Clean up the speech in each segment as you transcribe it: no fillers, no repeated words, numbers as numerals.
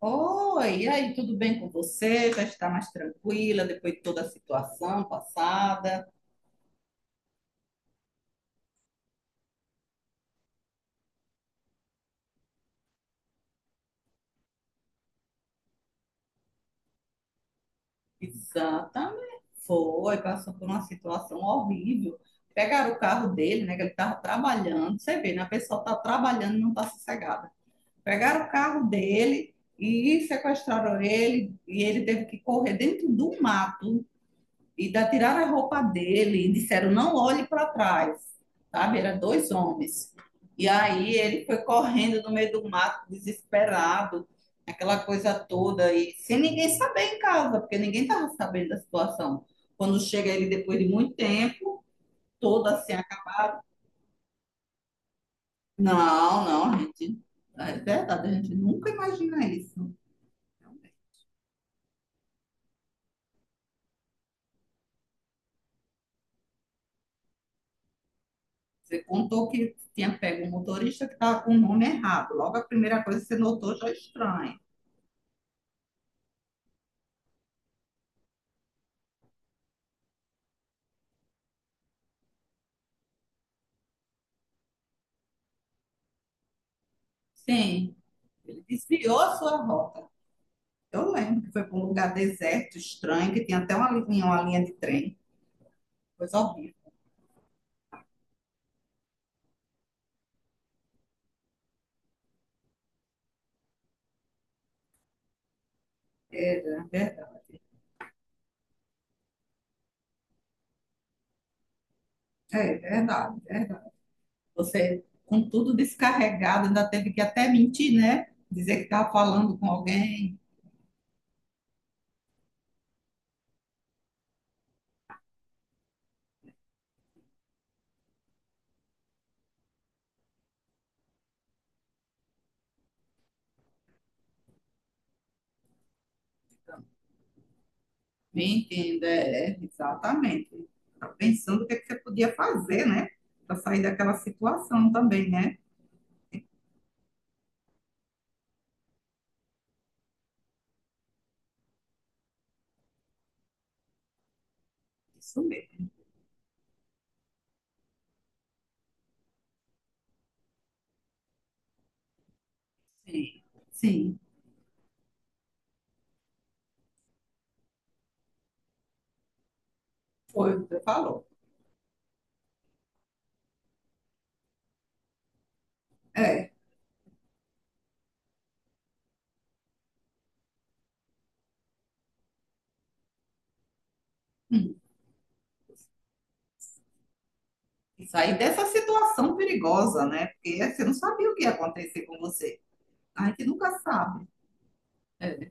Oi, e aí, tudo bem com você? Já está mais tranquila depois de toda a situação passada? Exatamente. Foi, passou por uma situação horrível. Pegaram o carro dele, né? Que ele estava trabalhando. Você vê, né? A pessoa está trabalhando e não está sossegada. Pegaram o carro dele e sequestraram ele, e ele teve que correr dentro do mato, e da tiraram a roupa dele e disseram não olhe para trás, sabe? Era dois homens. E aí ele foi correndo no meio do mato, desesperado, aquela coisa toda e sem ninguém saber em casa, porque ninguém estava sabendo da situação. Quando chega ele depois de muito tempo, todo assim acabado. Não, não, a gente, é verdade, a gente nunca imagina isso. Você contou que tinha pego um motorista que estava com o nome errado. Logo a primeira coisa que você notou já é estranho. Sim. Ele desviou a sua rota. Eu lembro que foi para um lugar deserto, estranho, que tinha até uma linha de trem. Coisa horrível. Era verdade. É verdade, verdade. Você, com tudo descarregado, ainda teve que até mentir, né? Dizer que estava falando com alguém. Me entenda, exatamente. Tá pensando o que é que você podia fazer, né? Para sair daquela situação também, né? Isso mesmo. Sim, sim. Foi o que você falou. É. Hum. E sair dessa situação perigosa, né? Porque você não sabia o que ia acontecer com você. A gente nunca sabe. É,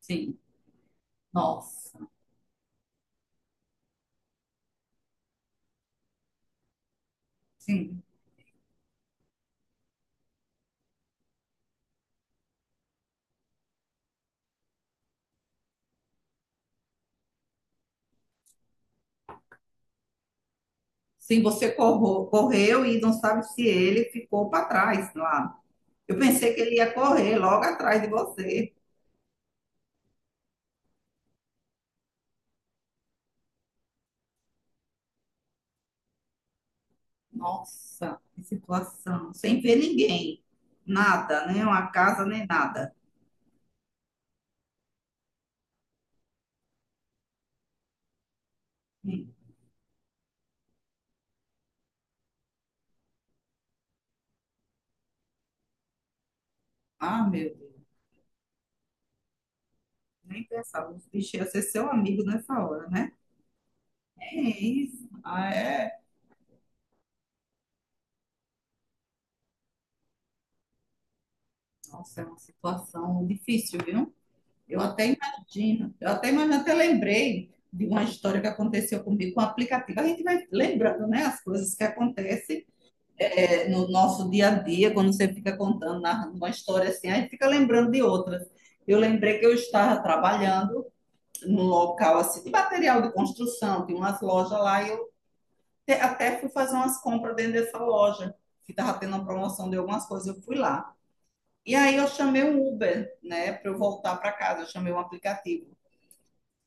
sim. Nossa. Sim. Sim, correu e não sabe se ele ficou para trás lá. Eu pensei que ele ia correr logo atrás de você. Nossa, que situação. Sem ver ninguém. Nada, nem uma casa, nem nada. Hum. Ah, meu Deus. Nem pensava. Os bichos iam ser seu amigo nessa hora, né? É isso. Ah, é. Nossa, é uma situação difícil, viu? Eu até imagino, até lembrei de uma história que aconteceu comigo com o aplicativo. A gente vai lembrando, né, as coisas que acontecem no nosso dia a dia, quando você fica contando, narrando uma história assim, a gente fica lembrando de outras. Eu lembrei que eu estava trabalhando num local assim de material de construção, tem umas lojas lá, e eu até fui fazer umas compras dentro dessa loja, que estava tendo uma promoção de algumas coisas, eu fui lá. E aí eu chamei um Uber, né, para eu voltar para casa, eu chamei um aplicativo.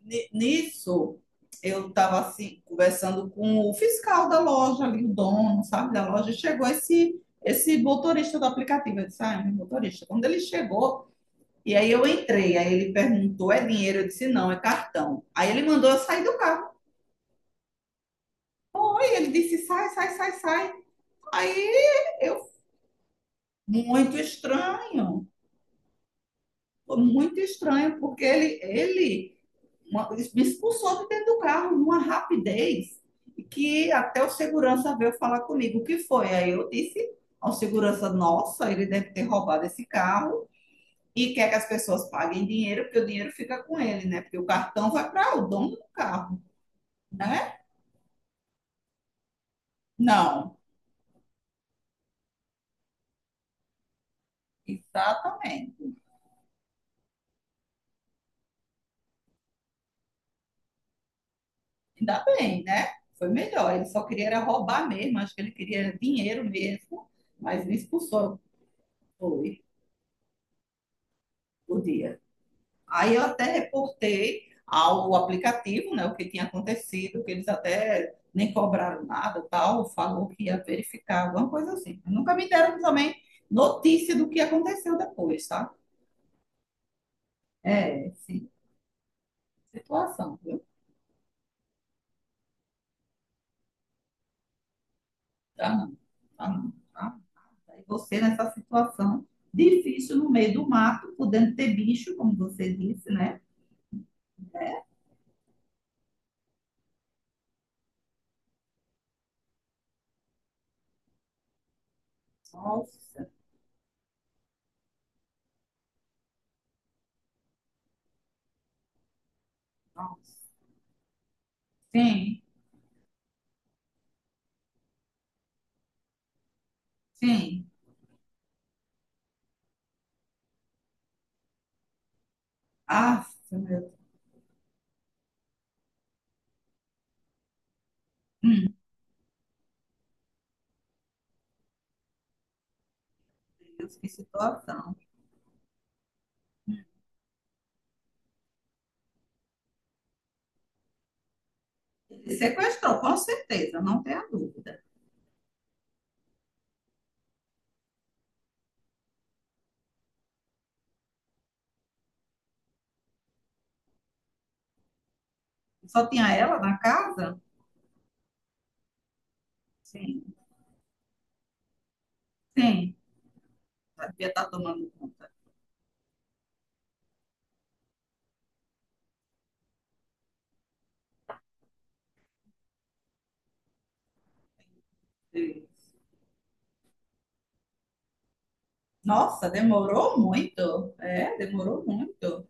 Nisso, eu estava assim, conversando com o fiscal da loja, ali, o dono, sabe, da loja, e chegou esse motorista do aplicativo. Eu disse, ah, é um motorista. Quando ele chegou, e aí eu entrei, aí ele perguntou, é dinheiro? Eu disse, não, é cartão. Aí ele mandou eu sair do carro. Aí ele disse, sai, sai, sai, sai. Aí eu, muito estranho, muito estranho, porque ele uma, me expulsou de dentro do carro numa rapidez que até o segurança veio falar comigo o que foi. Aí eu disse ao segurança, nossa, ele deve ter roubado esse carro e quer que as pessoas paguem dinheiro, porque o dinheiro fica com ele, né? Porque o cartão vai para o dono do carro, né? Não, exatamente. Ainda bem, né? Foi melhor. Ele só queria era roubar mesmo, acho que ele queria dinheiro mesmo, mas me expulsou. Foi o dia. Aí eu até reportei ao aplicativo, né, o que tinha acontecido, que eles até nem cobraram nada, tal, falou que ia verificar, alguma coisa assim. Nunca me deram também notícia do que aconteceu depois, tá? É, sim, situação, viu? Tá não, tá não, tá? Aí você nessa situação difícil no meio do mato, podendo ter bicho, como você disse, né? Nossa, nossa. Sim, sim. Ah, meu Deus, hum, Deus, que situação. Ele sequestrou, com certeza, não tem a dúvida. Só tinha ela na casa? Sim. Sim, ela devia estar tomando conta. Sim. Nossa, demorou muito. É, demorou muito.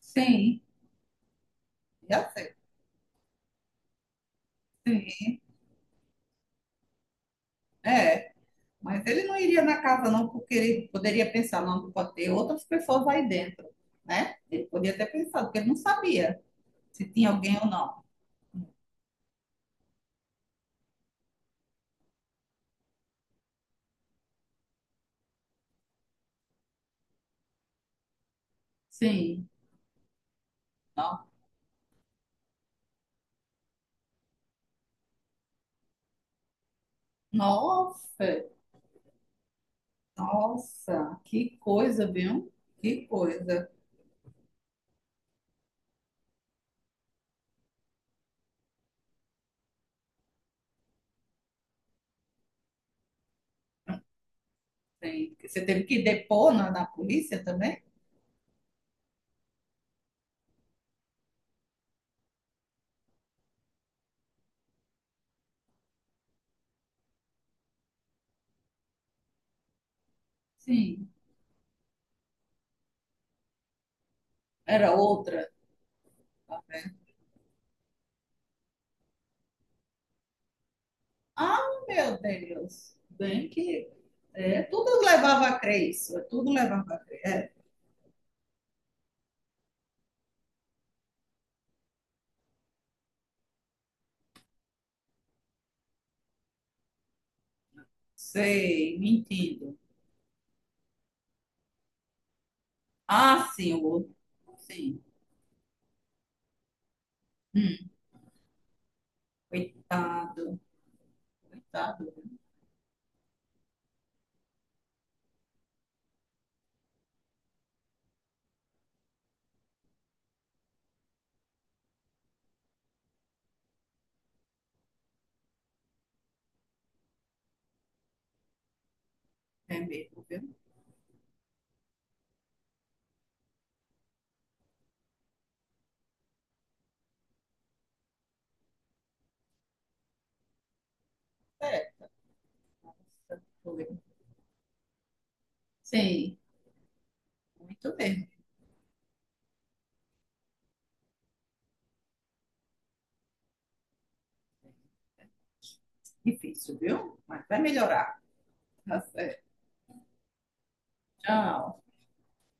Sim, já sei. Sim. É, mas ele não iria na casa não, porque ele poderia pensar, não, pode ter outras pessoas aí dentro, né? Ele podia ter pensado, porque ele não sabia se tinha alguém ou não. Sim. Não. Nossa, nossa, que coisa, viu? Que coisa. Tem- Você teve que depor na polícia também? Sim. Era outra. Ah, meu Deus. Bem que. É, tudo levava a crer isso. É, tudo levava a crer. É, sei, me Ah, sim, o outro. Sim. Hum, coitado, coitado. É mesmo, viu? É, nossa, foi. Sim, muito bem. Difícil, viu? Mas vai melhorar. Tá certo. Tchau.